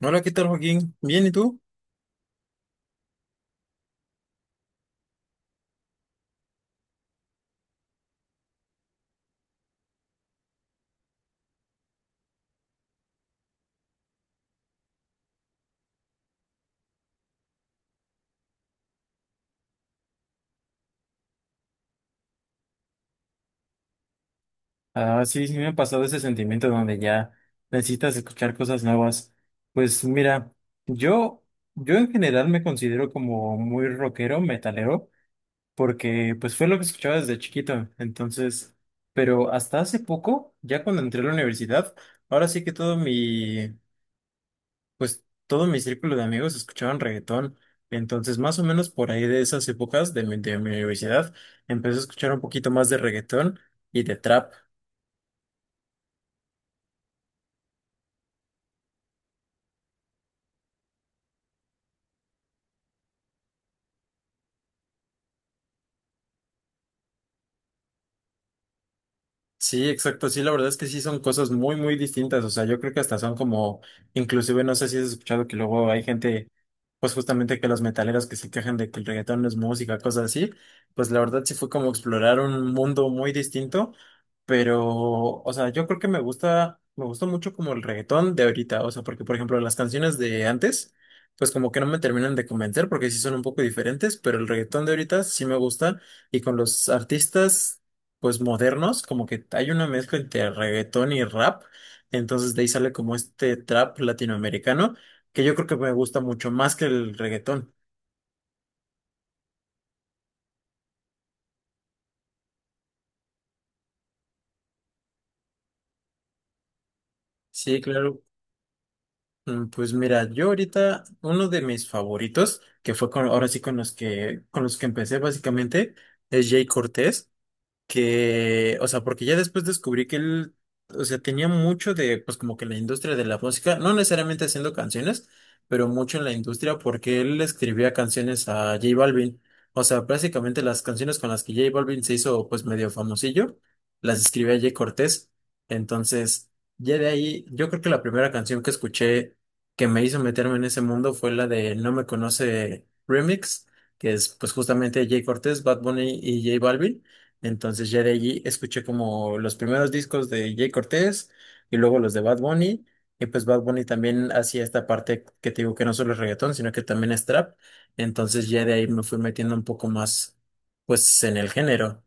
Hola, ¿qué tal, Joaquín? ¿Bien y tú? Ah, sí, sí me ha pasado ese sentimiento donde ya necesitas escuchar cosas nuevas. Pues mira, yo, yo en general me considero como muy rockero, metalero, porque pues fue lo que escuchaba desde chiquito. Entonces, pero hasta hace poco, ya cuando entré a la universidad, ahora sí que todo mi, pues todo mi círculo de amigos escuchaban reggaetón. Entonces, más o menos por ahí de esas épocas de mi universidad, empecé a escuchar un poquito más de reggaetón y de trap. Sí, exacto. Sí, la verdad es que sí son cosas muy, muy distintas. O sea, yo creo que hasta son como, inclusive no sé si has escuchado que luego hay gente, pues justamente que los metaleros que se quejan de que el reggaetón no es música, cosas así. Pues la verdad sí fue como explorar un mundo muy distinto. Pero, o sea, yo creo que me gusta mucho como el reggaetón de ahorita. O sea, porque por ejemplo las canciones de antes, pues como que no me terminan de convencer porque sí son un poco diferentes, pero el reggaetón de ahorita sí me gusta. Y con los artistas pues modernos, como que hay una mezcla entre reggaetón y rap, entonces de ahí sale como este trap latinoamericano, que yo creo que me gusta mucho más que el reggaetón. Sí, claro. Pues mira, yo ahorita uno de mis favoritos, que fue con, ahora sí con los que empecé básicamente, es Jay Cortés, que, o sea, porque ya después descubrí que él, o sea, tenía mucho de, pues como que la industria de la música, no necesariamente haciendo canciones, pero mucho en la industria porque él escribía canciones a J Balvin. O sea, básicamente las canciones con las que J Balvin se hizo pues medio famosillo, las escribía Jay Cortés. Entonces, ya de ahí, yo creo que la primera canción que escuché que me hizo meterme en ese mundo fue la de No me conoce Remix, que es pues justamente Jay Cortés, Bad Bunny y J Balvin. Entonces ya de allí escuché como los primeros discos de Jay Cortés y luego los de Bad Bunny. Y pues Bad Bunny también hacía esta parte que te digo que no solo es reggaetón, sino que también es trap. Entonces ya de ahí me fui metiendo un poco más pues en el género.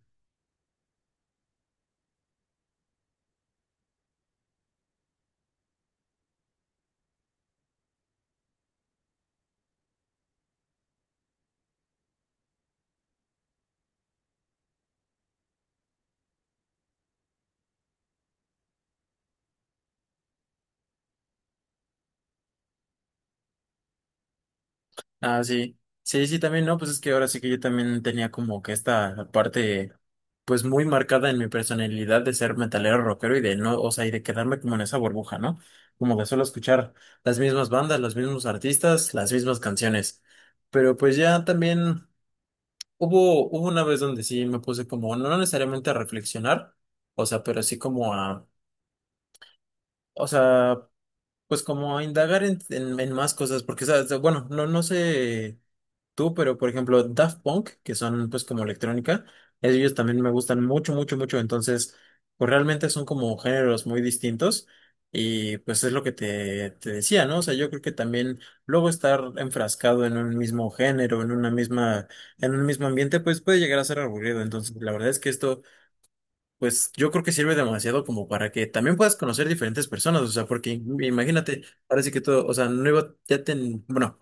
Ah, sí. Sí, sí, también, no, pues es que ahora sí que yo también tenía como que esta parte, pues muy marcada en mi personalidad de ser metalero rockero y de no, o sea, y de quedarme como en esa burbuja, ¿no? Como de solo escuchar las mismas bandas, los mismos artistas, las mismas canciones. Pero pues ya también hubo una vez donde sí me puse como, no necesariamente a reflexionar, o sea, pero sí como a, o sea, pues como a indagar en más cosas, porque, ¿sabes? Bueno, no, no sé tú, pero por ejemplo Daft Punk, que son pues como electrónica, ellos también me gustan mucho, mucho, mucho, entonces pues realmente son como géneros muy distintos y pues es lo que te decía, ¿no? O sea, yo creo que también luego estar enfrascado en un mismo género, en un mismo ambiente, pues puede llegar a ser aburrido, entonces la verdad es que esto pues yo creo que sirve demasiado como para que también puedas conocer diferentes personas, o sea, porque imagínate, ahora sí que todo, o sea, no iba, ya ten, bueno,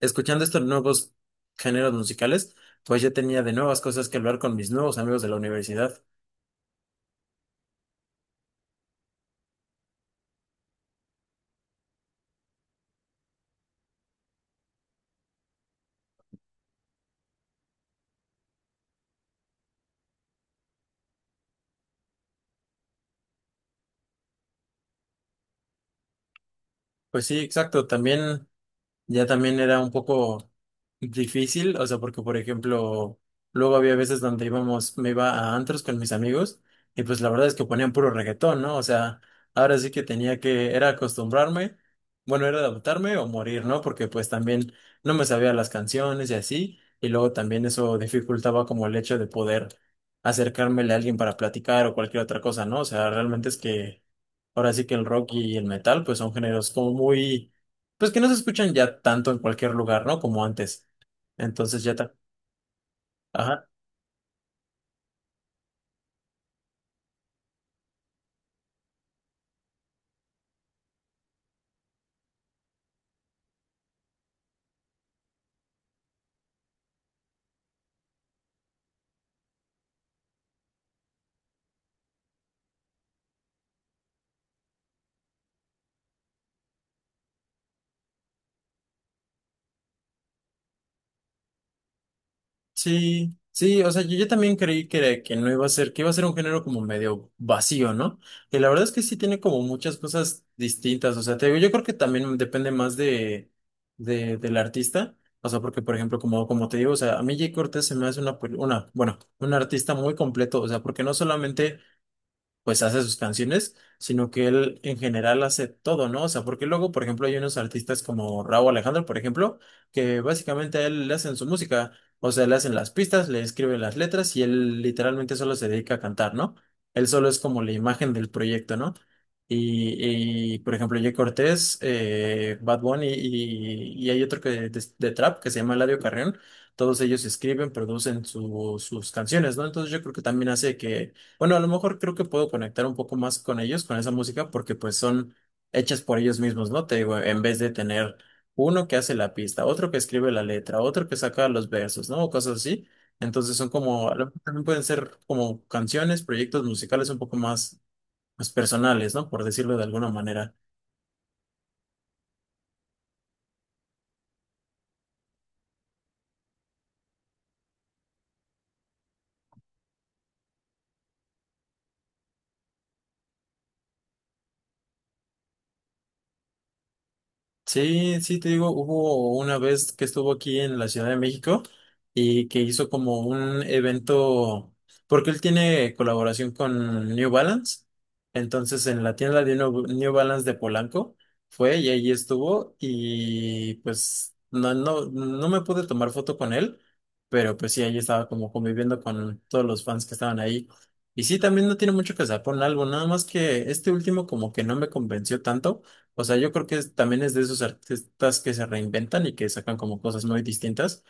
escuchando estos nuevos géneros musicales, pues ya tenía de nuevas cosas que hablar con mis nuevos amigos de la universidad. Pues sí, exacto. También ya también era un poco difícil, o sea, porque por ejemplo, luego había veces donde íbamos, me iba a antros con mis amigos y pues la verdad es que ponían puro reggaetón, ¿no? O sea, ahora sí que tenía que, era acostumbrarme, bueno, era adaptarme o morir, ¿no? Porque pues también no me sabía las canciones y así, y luego también eso dificultaba como el hecho de poder acercármele a alguien para platicar o cualquier otra cosa, ¿no? O sea, realmente es que ahora sí que el rock y el metal pues son géneros como muy pues que no se escuchan ya tanto en cualquier lugar, ¿no? Como antes. Entonces ya está. Ajá. Sí, sí, o sea, yo también creí que, era- que no iba a ser, que iba a ser un género como medio vacío, ¿no? Y la verdad es que sí tiene como muchas cosas distintas. O sea, te digo, yo creo que también depende más de, del artista. O sea, porque, por ejemplo, como, como te digo, o sea, a mí Jay Cortés se me hace bueno, un artista muy completo. O sea, porque no solamente pues hace sus canciones, sino que él en general hace todo, ¿no? O sea, porque luego, por ejemplo, hay unos artistas como Rauw Alejandro, por ejemplo, que básicamente a él le hacen su música, o sea, le hacen las pistas, le escriben las letras y él literalmente solo se dedica a cantar, ¿no? Él solo es como la imagen del proyecto, ¿no? Por ejemplo, Jay Cortés, Bad Bunny y hay otro que de trap que se llama Eladio Carrión. Todos ellos escriben, producen sus canciones, ¿no? Entonces yo creo que también hace que bueno, a lo mejor creo que puedo conectar un poco más con ellos, con esa música, porque pues son hechas por ellos mismos, ¿no? Te digo, en vez de tener uno que hace la pista, otro que escribe la letra, otro que saca los versos, ¿no? O cosas así. Entonces son como, a lo mejor también pueden ser como canciones, proyectos musicales un poco más, más personales, ¿no? Por decirlo de alguna manera. Sí, sí, te digo, hubo una vez que estuvo aquí en la Ciudad de México y que hizo como un evento, porque él tiene colaboración con New Balance, entonces en la tienda de New Balance de Polanco fue y ahí estuvo y pues no, no, no me pude tomar foto con él, pero pues sí, ahí estaba como conviviendo con todos los fans que estaban ahí. Y sí, también no tiene mucho que sacar un álbum, nada más que este último como que no me convenció tanto, o sea, yo creo que es- también es de esos artistas que se reinventan y que sacan como cosas muy distintas.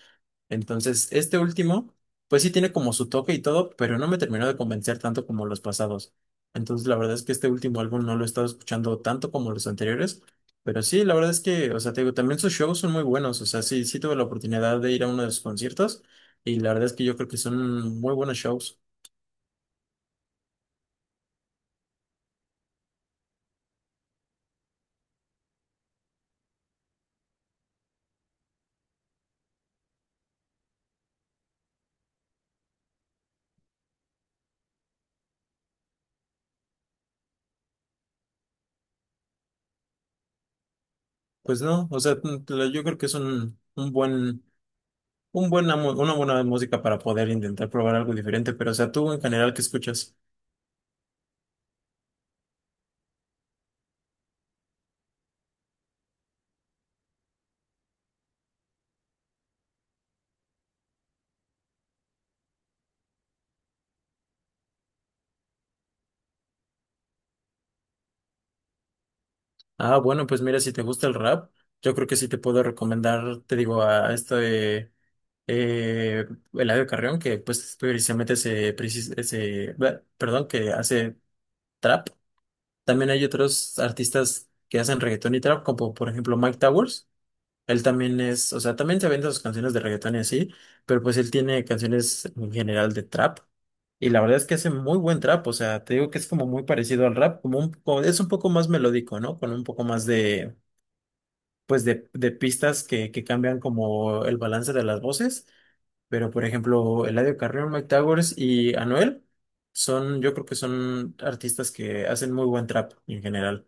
Entonces, este último, pues sí tiene como su toque y todo, pero no me terminó de convencer tanto como los pasados. Entonces, la verdad es que este último álbum no lo he estado escuchando tanto como los anteriores, pero sí, la verdad es que, o sea, te digo, también sus shows son muy buenos. O sea, sí, sí tuve la oportunidad de ir a uno de sus conciertos y la verdad es que yo creo que son muy buenos shows. Pues no, o sea, yo creo que es un buen un buena mu- una buena música para poder intentar probar algo diferente, pero o sea, tú en general, ¿qué escuchas? Ah, bueno, pues mira, si te gusta el rap, yo creo que sí te puedo recomendar, te digo, a este eh, Eladio Carrión, que pues precisamente se, precis- ese, perdón, que hace trap. También hay otros artistas que hacen reggaetón y trap, como por ejemplo Mike Towers. Él también es, o sea, también se vende sus canciones de reggaetón y así, pero pues él tiene canciones en general de trap. Y la verdad es que hace muy buen trap, o sea, te digo que es como muy parecido al rap, como un, como- es un poco más melódico, ¿no? Con un poco más de, pues de pistas que cambian como el balance de las voces. Pero, por ejemplo, Eladio Carrión, Mike Towers y Anuel son, yo creo que son artistas que hacen muy buen trap en general.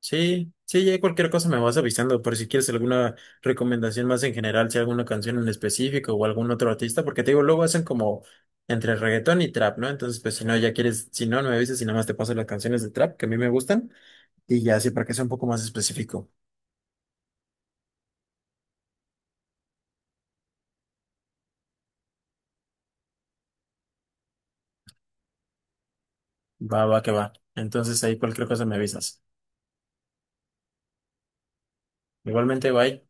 Sí, sí, ya cualquier cosa me vas avisando por si quieres alguna recomendación más en general, si alguna canción en específico o algún otro artista, porque te digo, luego hacen como entre reggaetón y trap, ¿no? Entonces, pues si no, ya quieres, si no, no me avisas y nada más te paso las canciones de trap que a mí me gustan y ya así para que sea un poco más específico. Va, va, que va. Entonces ahí cualquier cosa me avisas. Igualmente, bye.